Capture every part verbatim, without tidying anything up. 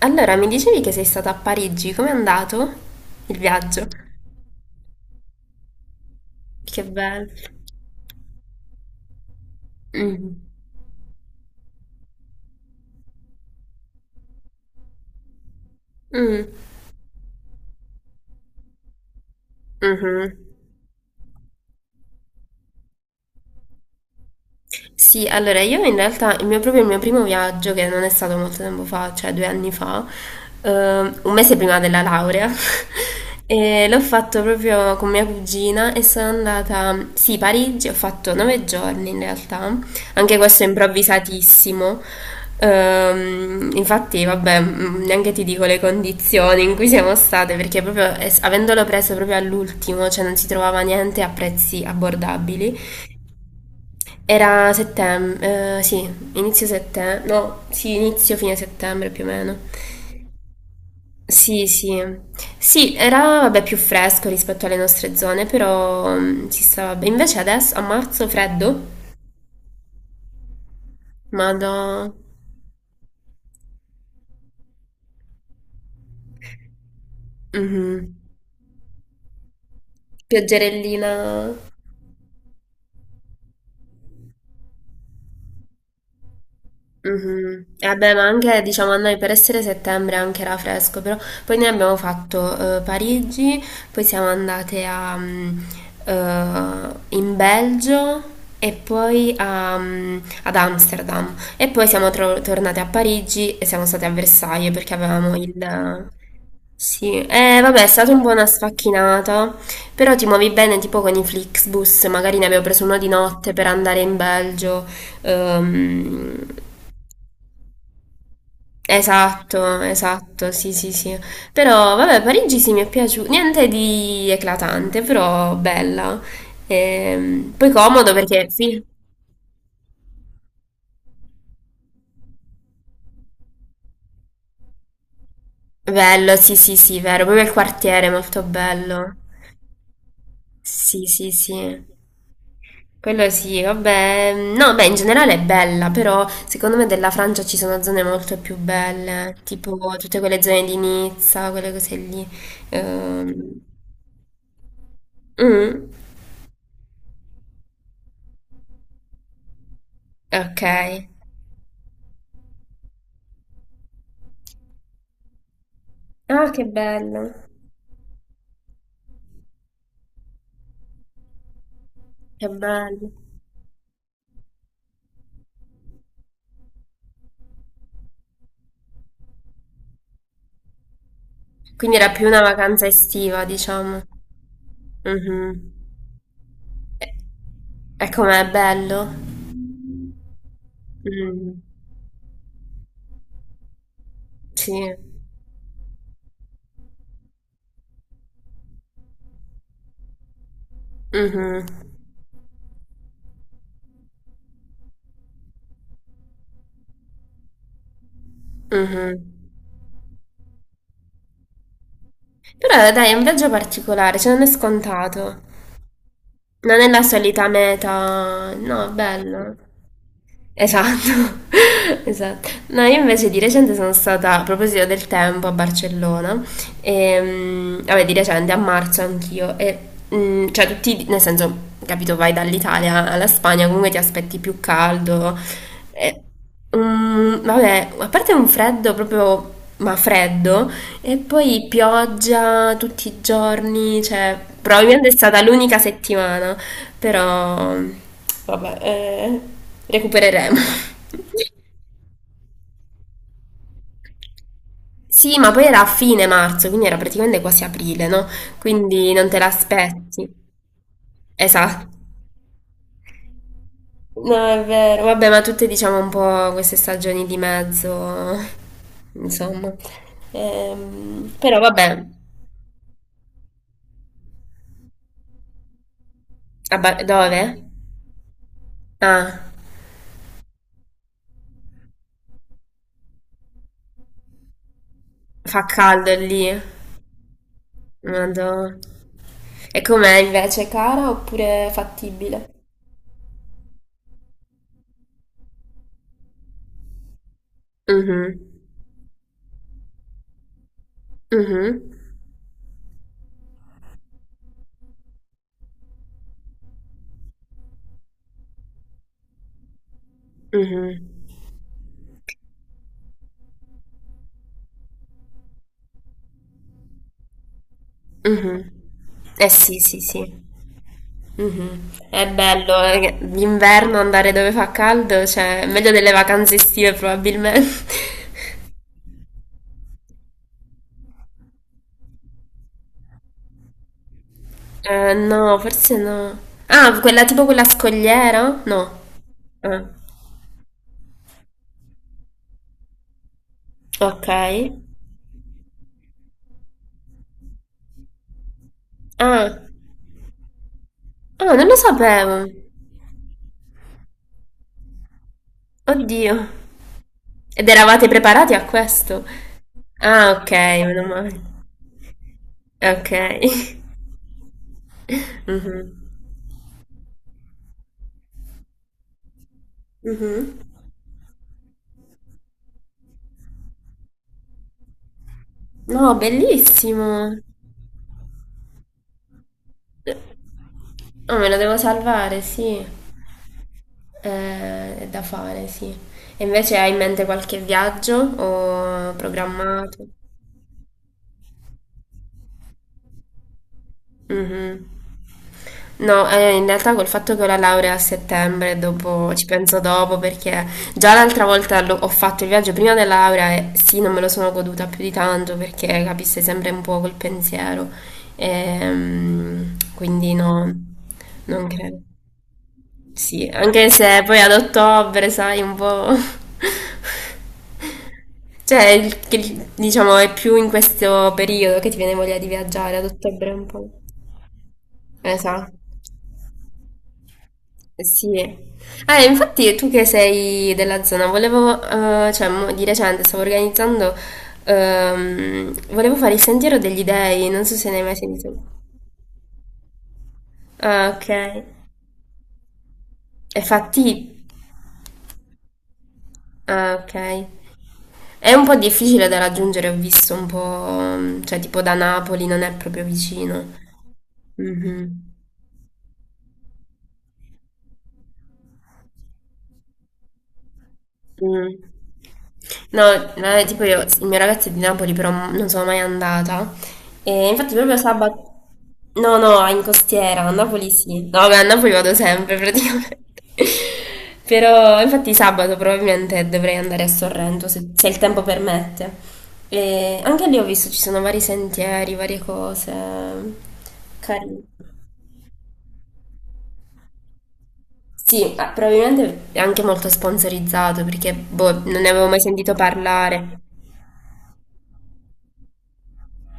Allora, mi dicevi che sei stata a Parigi, com'è andato il viaggio? Che bello. Mm. Mm. Mhm. Sì, allora io in realtà il mio, proprio il mio primo viaggio, che non è stato molto tempo fa, cioè due anni fa, eh, un mese prima della laurea, e l'ho fatto proprio con mia cugina e sono andata, sì, a Parigi, ho fatto nove giorni in realtà, anche questo è improvvisatissimo. Ehm, infatti, vabbè, mh, neanche ti dico le condizioni in cui siamo state, perché proprio es- avendolo preso proprio all'ultimo, cioè non si trovava niente a prezzi abbordabili. Era settembre, eh, sì, inizio settembre, no, sì, inizio fine settembre più o meno. Sì, sì. Sì, era vabbè più fresco rispetto alle nostre zone, però mm, si stava bene. Invece adesso a marzo freddo, ma da pioggerellina. Mhm. E vabbè, ma anche diciamo a noi per essere settembre anche era fresco, però poi noi abbiamo fatto eh, Parigi, poi siamo andate a, mm, eh, in Belgio e poi a, mm, ad Amsterdam e poi siamo tro- tornate a Parigi e siamo state a Versailles perché avevamo il... Sì, eh, vabbè, è stata un po' una sfacchinata, però ti muovi bene tipo con i Flixbus, magari ne abbiamo preso uno di notte per andare in Belgio. Ehm, Esatto, esatto, sì, sì, sì. Però, vabbè, Parigi sì, mi è piaciuta. Niente di eclatante, però bella. Ehm, poi comodo perché... Sì. Bello, sì, sì, sì, vero. Proprio il quartiere è molto bello. Sì, sì, sì. Quello sì, vabbè. No, beh, in generale è bella, però secondo me della Francia ci sono zone molto più belle, tipo tutte quelle zone di Nizza, quelle cose lì. Ehm, mm, ok. Ah, che bello. Che bello. Quindi era più una vacanza estiva, diciamo. Mhm. E, e com'è bello? Mm, sì. Mhm, mhm. Però dai, è un viaggio particolare, cioè non è scontato. Non è la solita meta. No, è bello. Esatto, esatto. No, io invece di recente sono stata, a proposito del tempo, a Barcellona, e, mm, vabbè, di recente, a marzo anch'io, e, mm, cioè tutti, nel senso, capito, vai dall'Italia alla Spagna, comunque ti aspetti più caldo, e, mm, vabbè, a parte un freddo proprio, ma freddo, e poi pioggia tutti i giorni, cioè probabilmente è stata l'unica settimana, però vabbè, eh, recupereremo. Sì, ma poi era a fine marzo, quindi era praticamente quasi aprile, no? Quindi non te l'aspetti. Esatto. No, è vero. Vabbè, ma tutte diciamo un po' queste stagioni di mezzo, insomma. Ehm, però vabbè, a Bar- dove? Ah, fa caldo lì. Madonna. E com'è invece, cara oppure fattibile? Mhm, mhm, mhm, mhm. Eh sì, sì, sì. Mhm. È bello, eh, d'inverno andare dove fa caldo, cioè, è meglio delle vacanze estive probabilmente. Eh, no, forse no. Ah, quella tipo quella scogliera? No. Ah, ok. Ah, ah, non lo sapevo. Oddio. Ed eravate preparati a questo? Ah, ok, meno male. Okay. Mh-mh. Mh-mh. No, bellissimo. Oh, me lo devo salvare, sì. Ehm, è da fare, sì. E invece hai in mente qualche viaggio o programmato? Mh-mh. No, eh, in realtà col fatto che ho la laurea a settembre, dopo, ci penso dopo perché già l'altra volta l'ho- ho fatto il viaggio prima della laurea e sì, non me lo sono goduta più di tanto perché capisse sempre un po' col pensiero. Ehm, quindi no, non credo. Sì, anche se poi ad ottobre, sai, un po'... Cioè, il- che- diciamo, è più in questo periodo che ti viene voglia di viaggiare, ad ottobre un po'. Esatto. Eh, sì, eh, infatti tu che sei della zona, volevo, eh, cioè mo- di recente stavo organizzando, ehm, volevo fare il Sentiero degli Dei, non so se ne hai mai sentito. Ah, ok. È fatti? Ah, ok. È un po' difficile da raggiungere, ho visto un po', mm, cioè tipo da Napoli non è proprio vicino. Mhm. Mm. No, eh, tipo io, il mio ragazzo è di Napoli, però non sono mai andata. E infatti proprio sabato... No, no, in costiera, a Napoli sì. No, beh, a Napoli vado sempre praticamente. Però infatti sabato probabilmente dovrei andare a Sorrento, se, se il tempo permette. E anche lì ho visto ci sono vari sentieri, varie cose. Carino. Sì, eh, probabilmente è anche molto sponsorizzato perché boh, non ne avevo mai sentito parlare.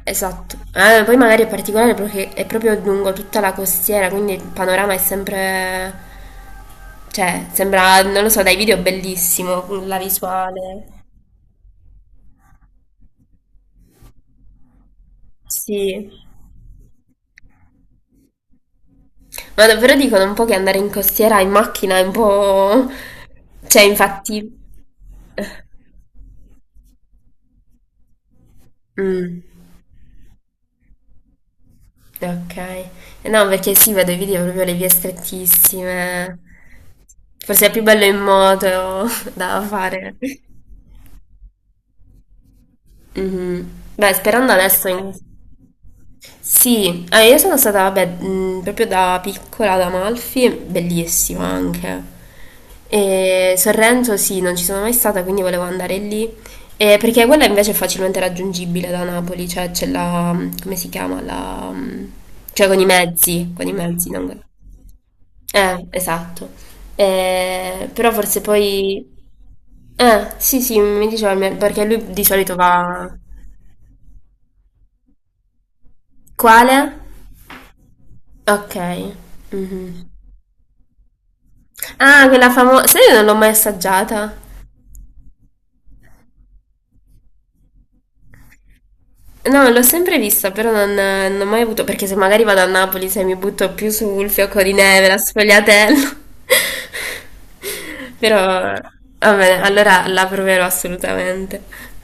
Esatto, Eh, poi magari è particolare perché è proprio lungo tutta la costiera, quindi il panorama è sempre, cioè, sembra, non lo so, dai video è bellissimo, la visuale, sì, ma davvero dicono un po' che andare in costiera in macchina è un po', cioè, infatti, Mm, ok, Eh no, perché sì, vedo i video proprio le vie strettissime, forse è più bello in moto da fare. Mhm. Beh, sperando adesso in... Sì, eh, io sono stata, vabbè, mh, proprio da piccola ad Amalfi, bellissima anche. E Sorrento sì, non ci sono mai stata, quindi volevo andare lì. Eh, perché quella invece è facilmente raggiungibile da Napoli, cioè c'è la, mm, come si chiama? La, mm, cioè con i mezzi, con i mezzi, non... con- Eh, esatto. Eh, però forse poi... Eh, sì, sì, mi diceva, il mio- perché lui di solito va... Quale? Ok. Mhm. Ah, quella famosa. Sai, io non l'ho mai assaggiata. No, l'ho sempre vista, però non, non ho mai avuto. Perché se magari vado a Napoli, se mi butto più sul fiocco di neve, la sfogliatella. Però, va bene, allora la proverò assolutamente.